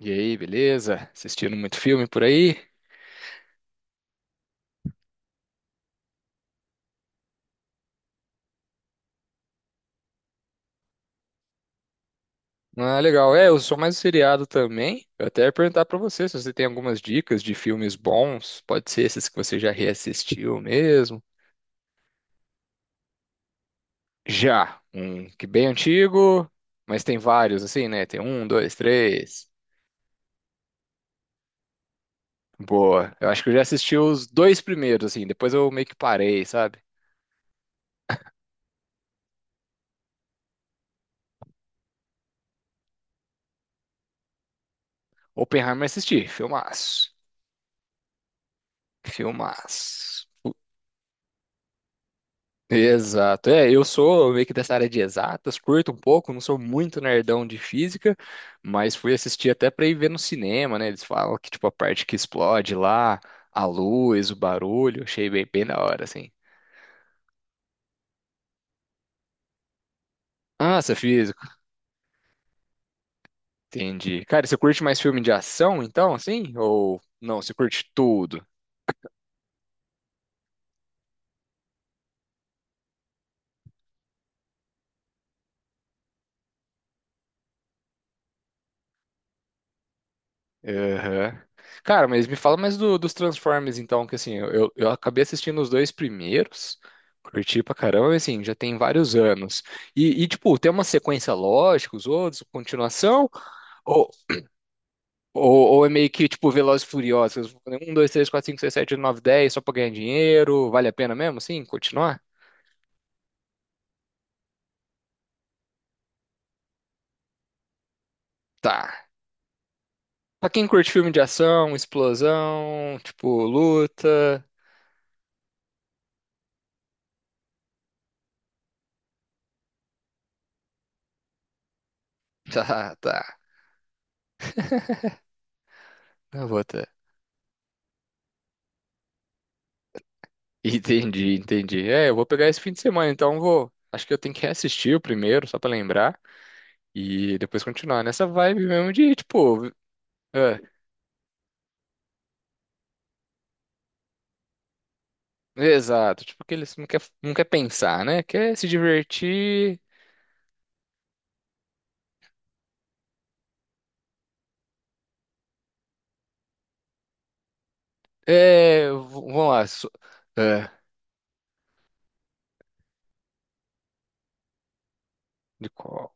E aí, beleza? Assistindo muito filme por aí? Ah, legal. É, eu sou mais seriado também. Eu até ia perguntar pra você se você tem algumas dicas de filmes bons. Pode ser esses que você já reassistiu mesmo. Já, um que bem antigo, mas tem vários assim, né? Tem um, dois, três. Boa. Eu acho que eu já assisti os dois primeiros, assim. Depois eu meio que parei, sabe? Oppenheimer assisti. Filmaço. Filmaço. Exato. É, eu sou meio que dessa área de exatas, curto um pouco, não sou muito nerdão de física, mas fui assistir até para ir ver no cinema, né? Eles falam que, tipo, a parte que explode lá, a luz, o barulho, achei bem, bem da hora, assim. Ah, você é físico, entendi. Cara, você curte mais filme de ação, então, assim? Ou não, você curte tudo? Aham. Cara, mas me fala mais dos Transformers, então, que assim, eu acabei assistindo os dois primeiros, curti pra caramba, mas, assim, já tem vários anos. E, tipo, tem uma sequência lógica, os outros, continuação, ou, é meio que, tipo, Velozes e Furiosos, um, dois, três, quatro, cinco, seis, sete, nove, dez, só pra ganhar dinheiro, vale a pena mesmo, assim, continuar? Tá. Pra quem curte filme de ação, explosão, tipo, luta, tá, tá, eu vou. Entendi, entendi. É, eu vou pegar esse fim de semana, então eu vou. Acho que eu tenho que reassistir o primeiro, só pra lembrar, e depois continuar nessa vibe mesmo de, tipo, é, exato, tipo, que eles não quer, não quer pensar, né? Quer se divertir. É, vamos lá. É, de qual?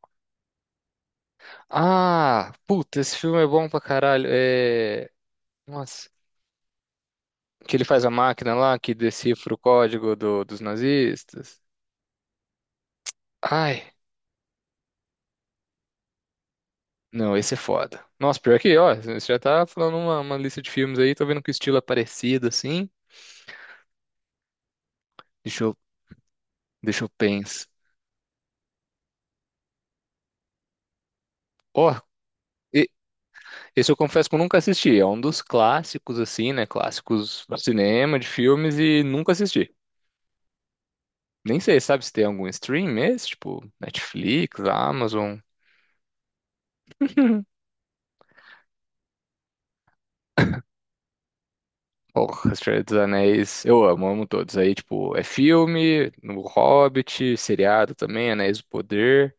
Ah, puta, esse filme é bom pra caralho. É, nossa, que ele faz a máquina lá que decifra o código dos nazistas. Ai. Não, esse é foda. Nossa, pior que, ó, você já tá falando uma lista de filmes aí, tô vendo que o estilo é parecido, assim. Deixa eu, deixa eu pensar. Ó, e- esse eu confesso que eu nunca assisti. É um dos clássicos, assim, né? Clássicos do cinema, de filmes, e nunca assisti. Nem sei, sabe se tem algum stream esse? Tipo, Netflix, Amazon. Porra, Senhor dos Anéis. Eu amo, amo todos. Aí, tipo, é filme, no Hobbit, seriado também, Anéis do Poder.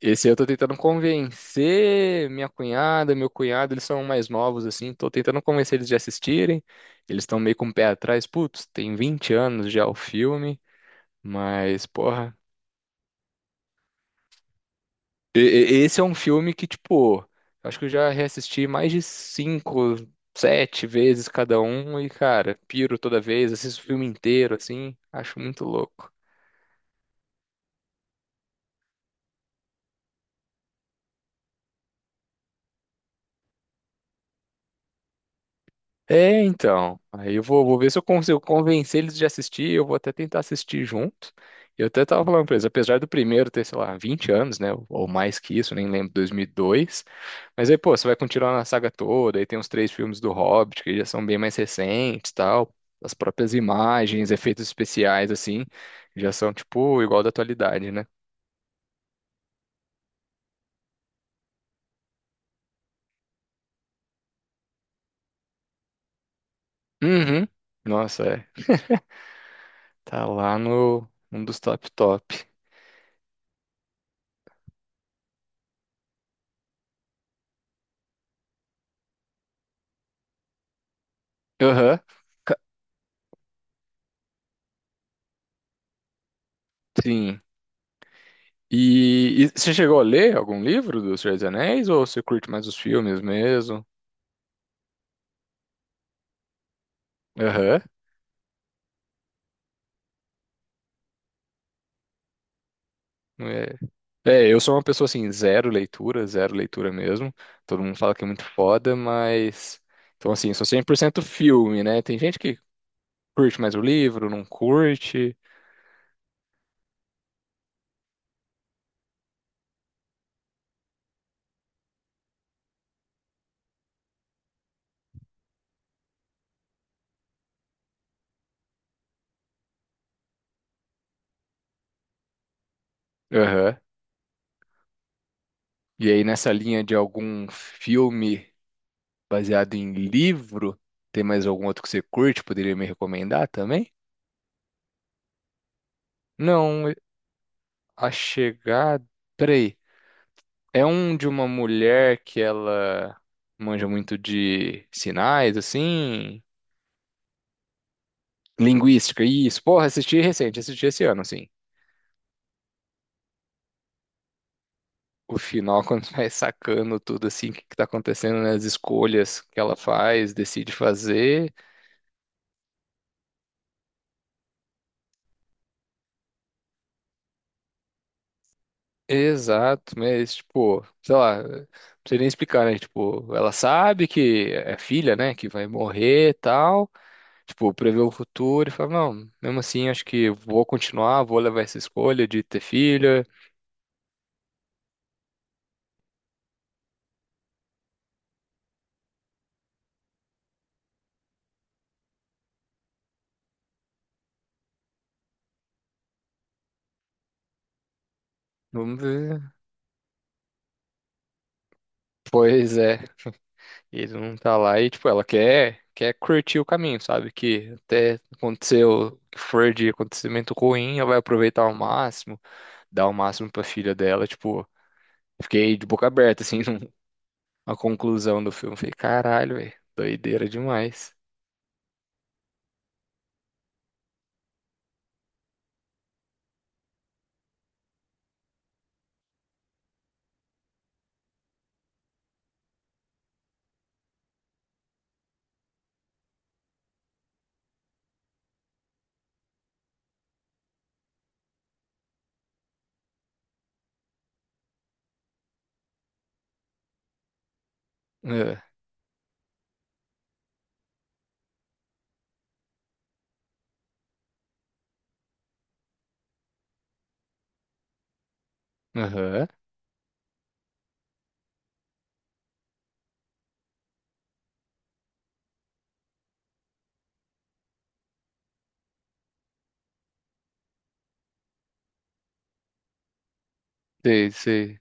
Esse eu tô tentando convencer minha cunhada, meu cunhado, eles são mais novos assim, tô tentando convencer eles de assistirem. Eles estão meio com o pé atrás. Putz, tem 20 anos já o filme, mas porra, esse é um filme que tipo, acho que eu já reassisti mais de cinco, sete vezes cada um e cara, piro toda vez, assisto o filme inteiro assim, acho muito louco. É, então. Aí eu vou ver se eu consigo convencer eles de assistir. Eu vou até tentar assistir junto. Eu até tava falando pra eles, apesar do primeiro ter, sei lá, 20 anos, né? Ou mais que isso, nem lembro, 2002. Mas aí, pô, você vai continuar na saga toda. Aí tem os três filmes do Hobbit, que já são bem mais recentes, tal. As próprias imagens, efeitos especiais, assim, já são, tipo, igual da atualidade, né? Uhum. Nossa, é. Tá lá no um dos top top. Aham. Sim. E, você chegou a ler algum livro dos Senhor dos Anéis ou você curte mais os filmes mesmo? Aham. É. É, eu sou uma pessoa assim, zero leitura mesmo. Todo mundo fala que é muito foda, mas. Então, assim, sou 100% filme, né? Tem gente que curte mais o livro, não curte. Aham. E aí, nessa linha de algum filme baseado em livro, tem mais algum outro que você curte? Poderia me recomendar também? Não, A Chegada. Peraí. É um de uma mulher que ela manja muito de sinais, assim. Linguística, isso. Porra, assisti recente, assisti esse ano, assim. O final, quando vai sacando tudo, assim, o que que tá acontecendo, né? As escolhas que ela faz, decide fazer. Exato, mas, tipo, sei lá, não sei nem explicar, né? Tipo, ela sabe que é filha, né? Que vai morrer e tal. Tipo, prevê o futuro e fala, não, mesmo assim, acho que vou continuar, vou levar essa escolha de ter filha. Vamos ver. Pois é, ele não tá lá e, tipo, ela quer curtir o caminho, sabe? Que até aconteceu, o que for de acontecimento ruim, ela vai aproveitar ao máximo, dar o máximo pra filha dela, tipo, fiquei de boca aberta, assim, a conclusão do filme. Falei, caralho, velho, doideira demais. É, aham, sei, sei.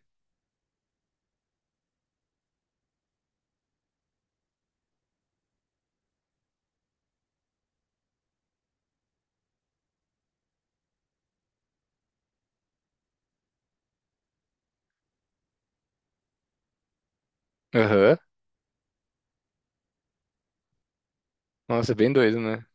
Aham, nossa, bem doido, né?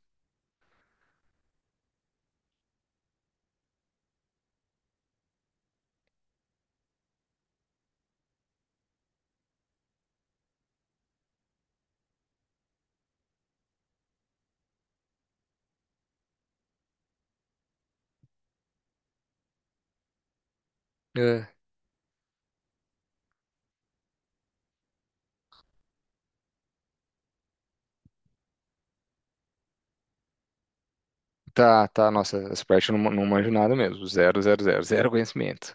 É, tá, tá, nossa, essa parte eu não, não manjo nada mesmo, zero, zero, zero, zero conhecimento.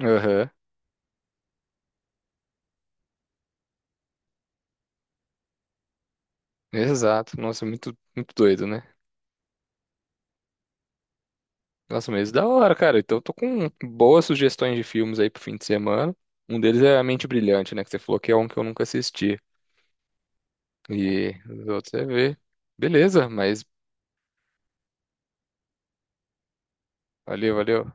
Aham. Exato. Nossa, muito, muito doido, né? Nossa, mas da hora, cara. Então eu tô com boas sugestões de filmes aí pro fim de semana. Um deles é A Mente Brilhante, né? Que você falou que é um que eu nunca assisti. E os outros você vê. Beleza, mas valeu, valeu.